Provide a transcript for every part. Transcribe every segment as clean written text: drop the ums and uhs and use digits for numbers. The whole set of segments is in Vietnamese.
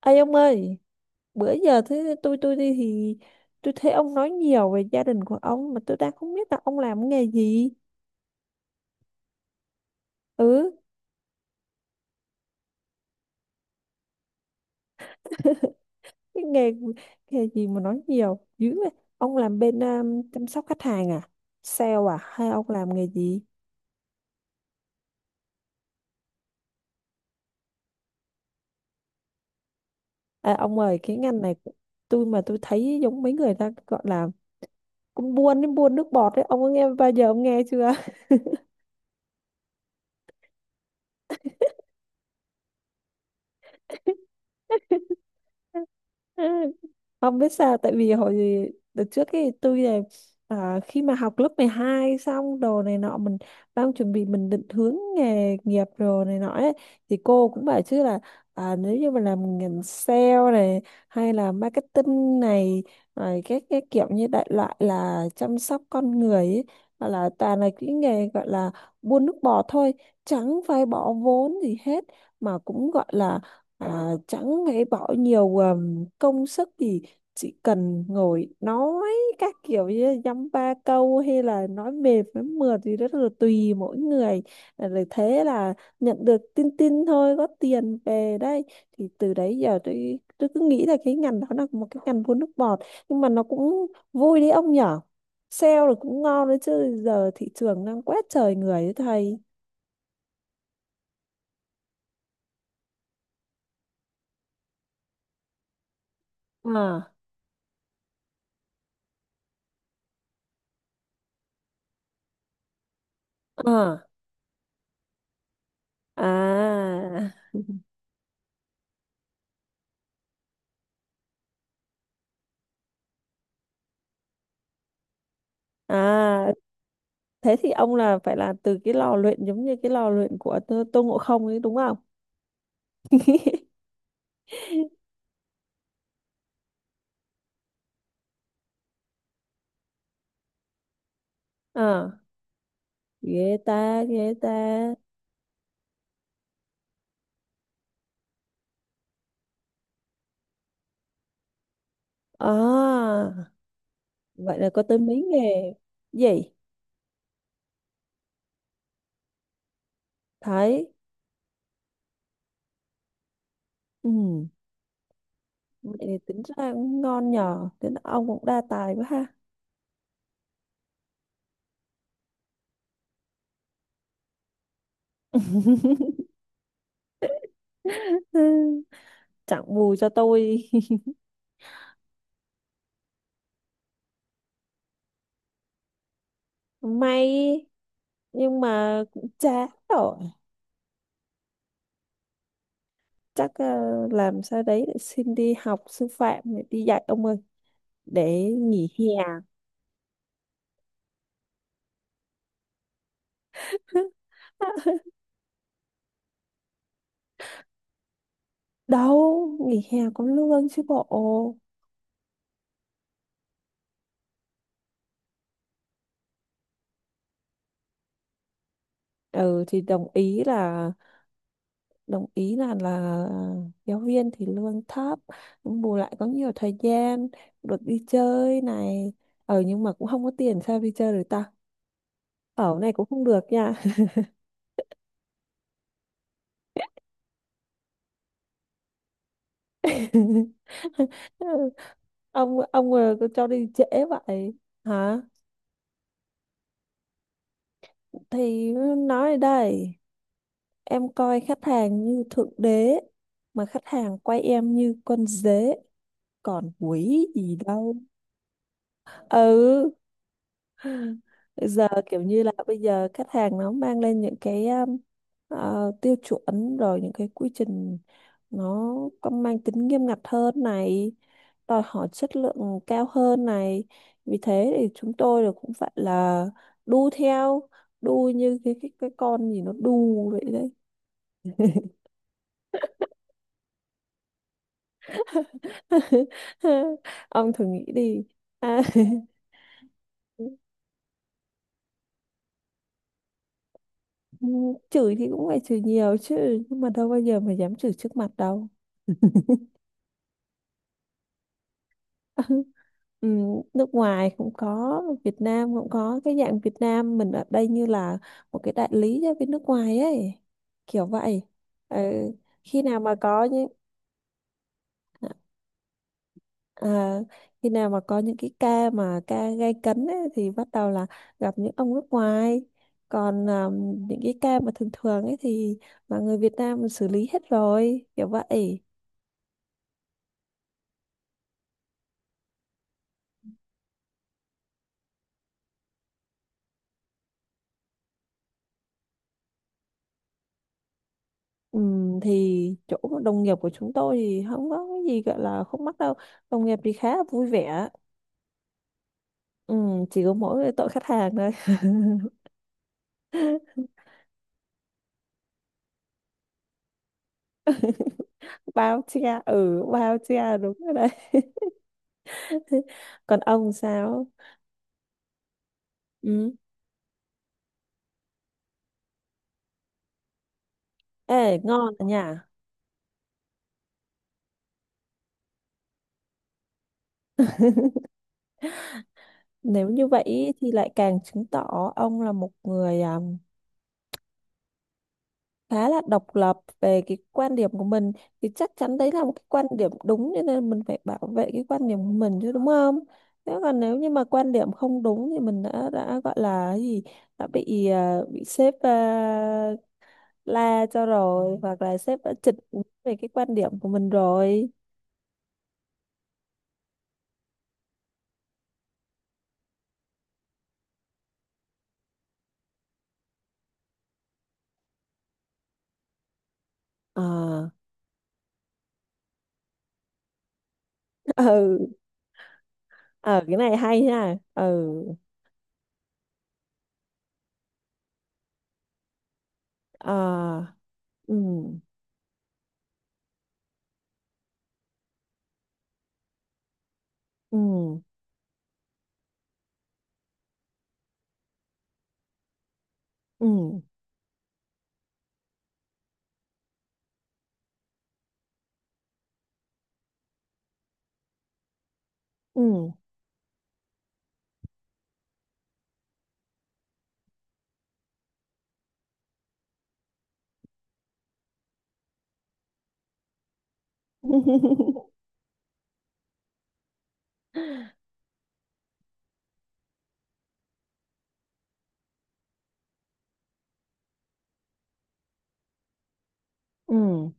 Ê ông ơi, bữa giờ thế tôi đi thì tôi thấy ông nói nhiều về gia đình của ông mà tôi đang không biết là ông làm nghề gì. Ừ, cái nghề nghề gì mà nói nhiều dữ vậy. Ông làm bên chăm sóc khách hàng à? Sale à? Hay ông làm nghề gì? À, ông ơi, cái ngành này của tôi mà tôi thấy giống mấy người ta gọi là cũng buôn đến buôn nước bọt đấy. Ông có nghe bao giờ ông nghe chưa? Không biết sao, tại vì hồi gì đợt trước cái tôi là khi mà học lớp 12 xong đồ này nọ, mình đang chuẩn bị mình định hướng nghề nghiệp rồi này nọ ấy, thì cô cũng bảo chứ là nếu như mà làm ngành sale này hay là marketing này rồi các cái kiểu như đại loại là chăm sóc con người ấy, hoặc là toàn là cái nghề gọi là buôn nước bọt thôi, chẳng phải bỏ vốn gì hết, mà cũng gọi là chẳng phải bỏ nhiều công sức gì, chỉ cần ngồi nói các kiểu như dăm ba câu, hay là nói mệt nói mượt thì rất là tùy mỗi người. Rồi thế là nhận được tin tin thôi, có tiền về đây. Thì từ đấy giờ tôi cứ nghĩ là cái ngành đó là một cái ngành vua nước bọt, nhưng mà nó cũng vui đấy ông nhở. Sale là cũng ngon đấy chứ, giờ thị trường đang quét trời người đấy thầy. à à à à Thế thì ông là phải là từ cái lò luyện giống như cái lò luyện của Tô Ngộ Không ấy đúng không? À, ghê ta, ghê ta. À, vậy là có tới mấy nghề. Gì? Thấy. Ừ, vậy thì tính ra cũng ngon nhờ. Thế là ông cũng đa tài quá ha. Ừ, chẳng bù cho tôi. May, nhưng mà cũng chán rồi. Chắc làm sao đấy để xin đi học sư phạm, để đi dạy ông ơi. Để nghỉ hè. Đâu nghỉ hè có lương chứ bộ. Ừ thì đồng ý là, đồng ý là giáo viên thì lương thấp, nhưng bù lại có nhiều thời gian, được đi chơi này. Ờ, nhưng mà cũng không có tiền sao đi chơi được ta, ở này cũng không được nha. Ông cứ cho đi trễ vậy hả? Thì nói đây, em coi khách hàng như thượng đế, mà khách hàng quay em như con dế, còn quỷ gì đâu. Ừ, giờ kiểu như là bây giờ khách hàng nó mang lên những cái ờ, tiêu chuẩn, rồi những cái quy trình nó có mang tính nghiêm ngặt hơn này, đòi hỏi chất lượng cao hơn này, vì thế thì chúng tôi là cũng phải là đu theo, đu như cái con gì nó đu vậy đấy. Ông thử nghĩ đi à. Ừ, chửi thì cũng phải chửi nhiều chứ, nhưng mà đâu bao giờ mà dám chửi trước mặt đâu. Ừ, nước ngoài cũng có, Việt Nam cũng có, cái dạng Việt Nam mình ở đây như là một cái đại lý cho bên nước ngoài ấy, kiểu vậy. Ừ, khi nào mà có những- À, khi nào mà có những cái ca mà ca gay cấn ấy, thì bắt đầu là gặp những ông nước ngoài, còn những cái ca mà thường thường ấy thì là người Việt Nam xử lý hết rồi, kiểu vậy. Ừ, thì chỗ đồng nghiệp của chúng tôi thì không có cái gì gọi là khúc mắc đâu, đồng nghiệp thì khá là vui vẻ. Ừ, chỉ có mỗi cái tội khách hàng thôi. Bao che, ừ, bao che đúng rồi đấy. Còn ông sao? Ừ. Ê ngon à nhỉ. Nếu như vậy ý, thì lại càng chứng tỏ ông là một người khá là độc lập về cái quan điểm của mình. Thì chắc chắn đấy là một cái quan điểm đúng, cho nên mình phải bảo vệ cái quan điểm của mình chứ, đúng không? Thế còn nếu như mà quan điểm không đúng thì mình đã gọi là cái gì, đã bị bị sếp la cho rồi, hoặc là sếp đã chỉnh về cái quan điểm của mình rồi. Ờ. Ừ. Ờ, cái này hay nha. Ừ. Ờ. Ừ. Ừ. Ừ. Ừ. Ừ.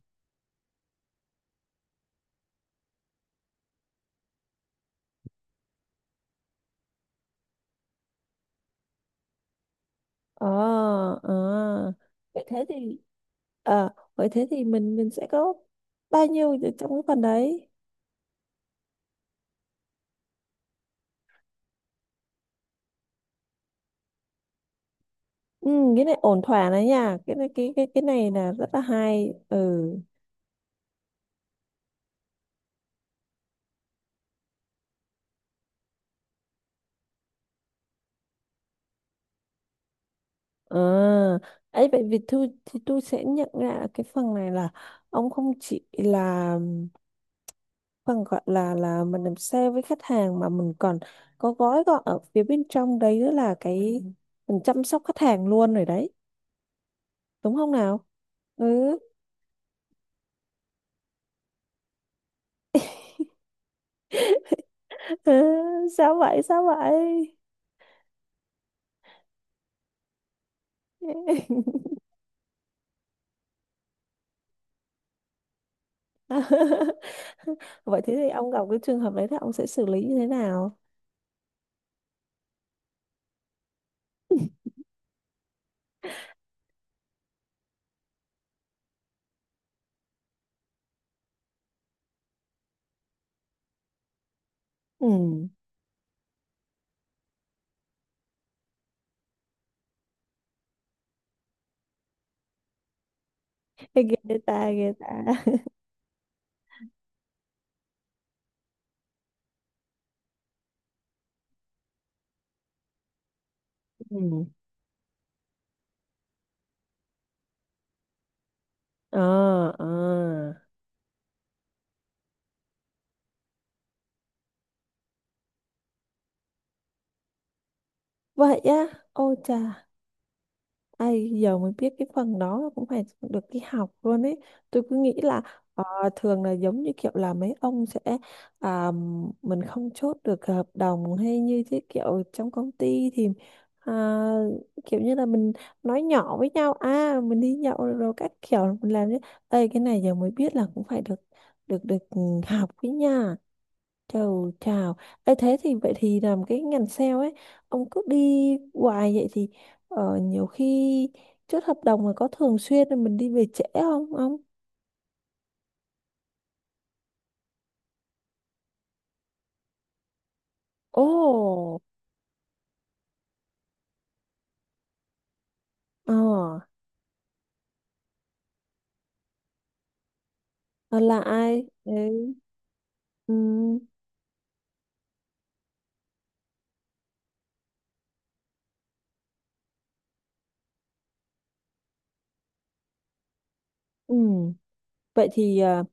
Ờ. Ờ, vậy thế thì. Ờ, vậy thế thì mình sẽ có bao nhiêu ở trong cái phần đấy. Ừ, cái này ổn thỏa đấy nha, cái này là rất là hay. Ừ. Ờ. Ấy vậy thì tôi, thì tôi sẽ nhận ra cái phần này là ông không chỉ là phần gọi là mình làm sale với khách hàng, mà mình còn có gói gọn ở phía bên trong đấy nữa, là cái mình chăm sóc khách hàng luôn rồi đấy, đúng không nào? Ừ. Ừ, sao vậy sao vậy? Vậy thế thì ông gặp cái trường hợp đấy thì ông sẽ xử lý như thế nào? Ừ. Ghê ta, ghê ta. Ừ. Ờ. Ờ, vậy á? Ôi chà. Ai giờ mới biết cái phần đó cũng phải được đi học luôn ấy. Tôi cứ nghĩ là ờ, thường là giống như kiểu là mấy ông sẽ à, mình không chốt được hợp đồng hay như thế kiểu trong công ty thì à, kiểu như là mình nói nhỏ với nhau à, mình đi nhậu rồi các kiểu mình làm thế. Ê cái này giờ mới biết là cũng phải được được được ừ, học với nha. Chào chào. Ê, thế thì vậy thì làm cái ngành sale ấy, ông cứ đi hoài vậy thì nhiều khi chốt hợp đồng mà có thường xuyên là mình đi về trễ không ông? Ồ. Ờ, là ai? Đấy. Ừ, ừ. Vậy thì ờ.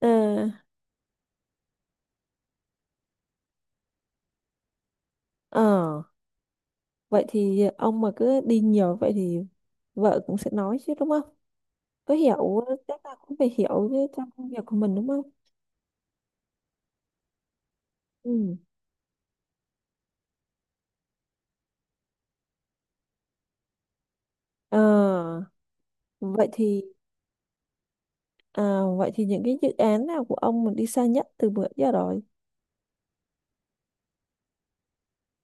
Ờ, ờ, vậy thì ông mà cứ đi nhiều vậy thì vợ cũng sẽ nói chứ, đúng không? Có hiểu chắc là cũng phải hiểu với trong công việc của mình đúng không? Ừ. Ờ, vậy thì. À, vậy thì những cái dự án nào của ông mà đi xa nhất từ bữa giờ rồi?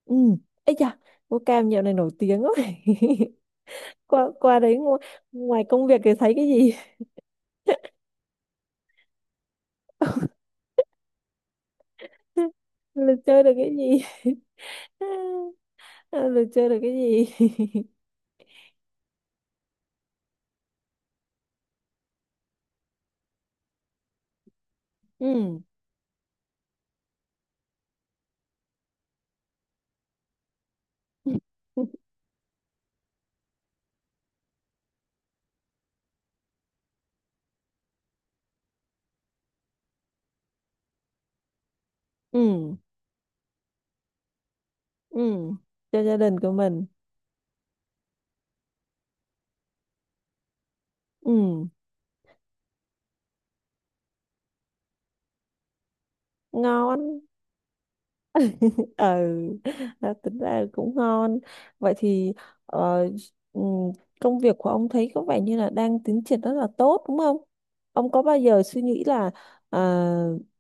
Ừ. Ây da, ngô cam dạo này nổi tiếng quá. Qua qua đấy ngo- ngoài công việc thì thấy cái gì? Là chơi được cái gì? Là chơi được cái gì? Ừ. Ừ. Ừ. Cho gia đình của mình. Ừ. Ngon. Ừ, đó, tính ra cũng ngon. Vậy thì ờ, ừm, công việc của ông thấy có vẻ như là đang tiến triển rất là tốt đúng không? Ông có bao giờ suy nghĩ là ờ,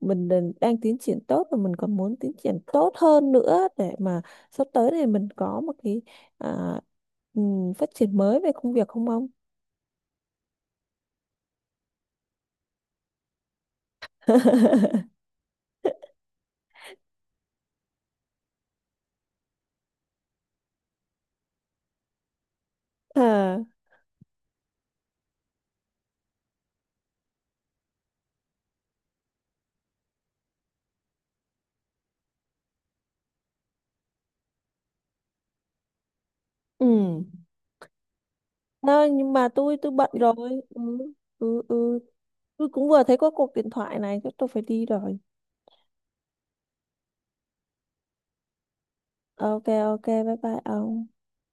mình đang đang tiến triển tốt và mình còn muốn tiến triển tốt hơn nữa để mà sắp tới này mình có một cái à, phát triển mới về công việc không ông? Ờ, ừ. Đó, nhưng mà tôi bận rồi. Ừ, ừ, ừ. Tôi cũng vừa thấy có cuộc điện thoại này, chắc tôi phải đi rồi. Ok, ok, bye bye ông.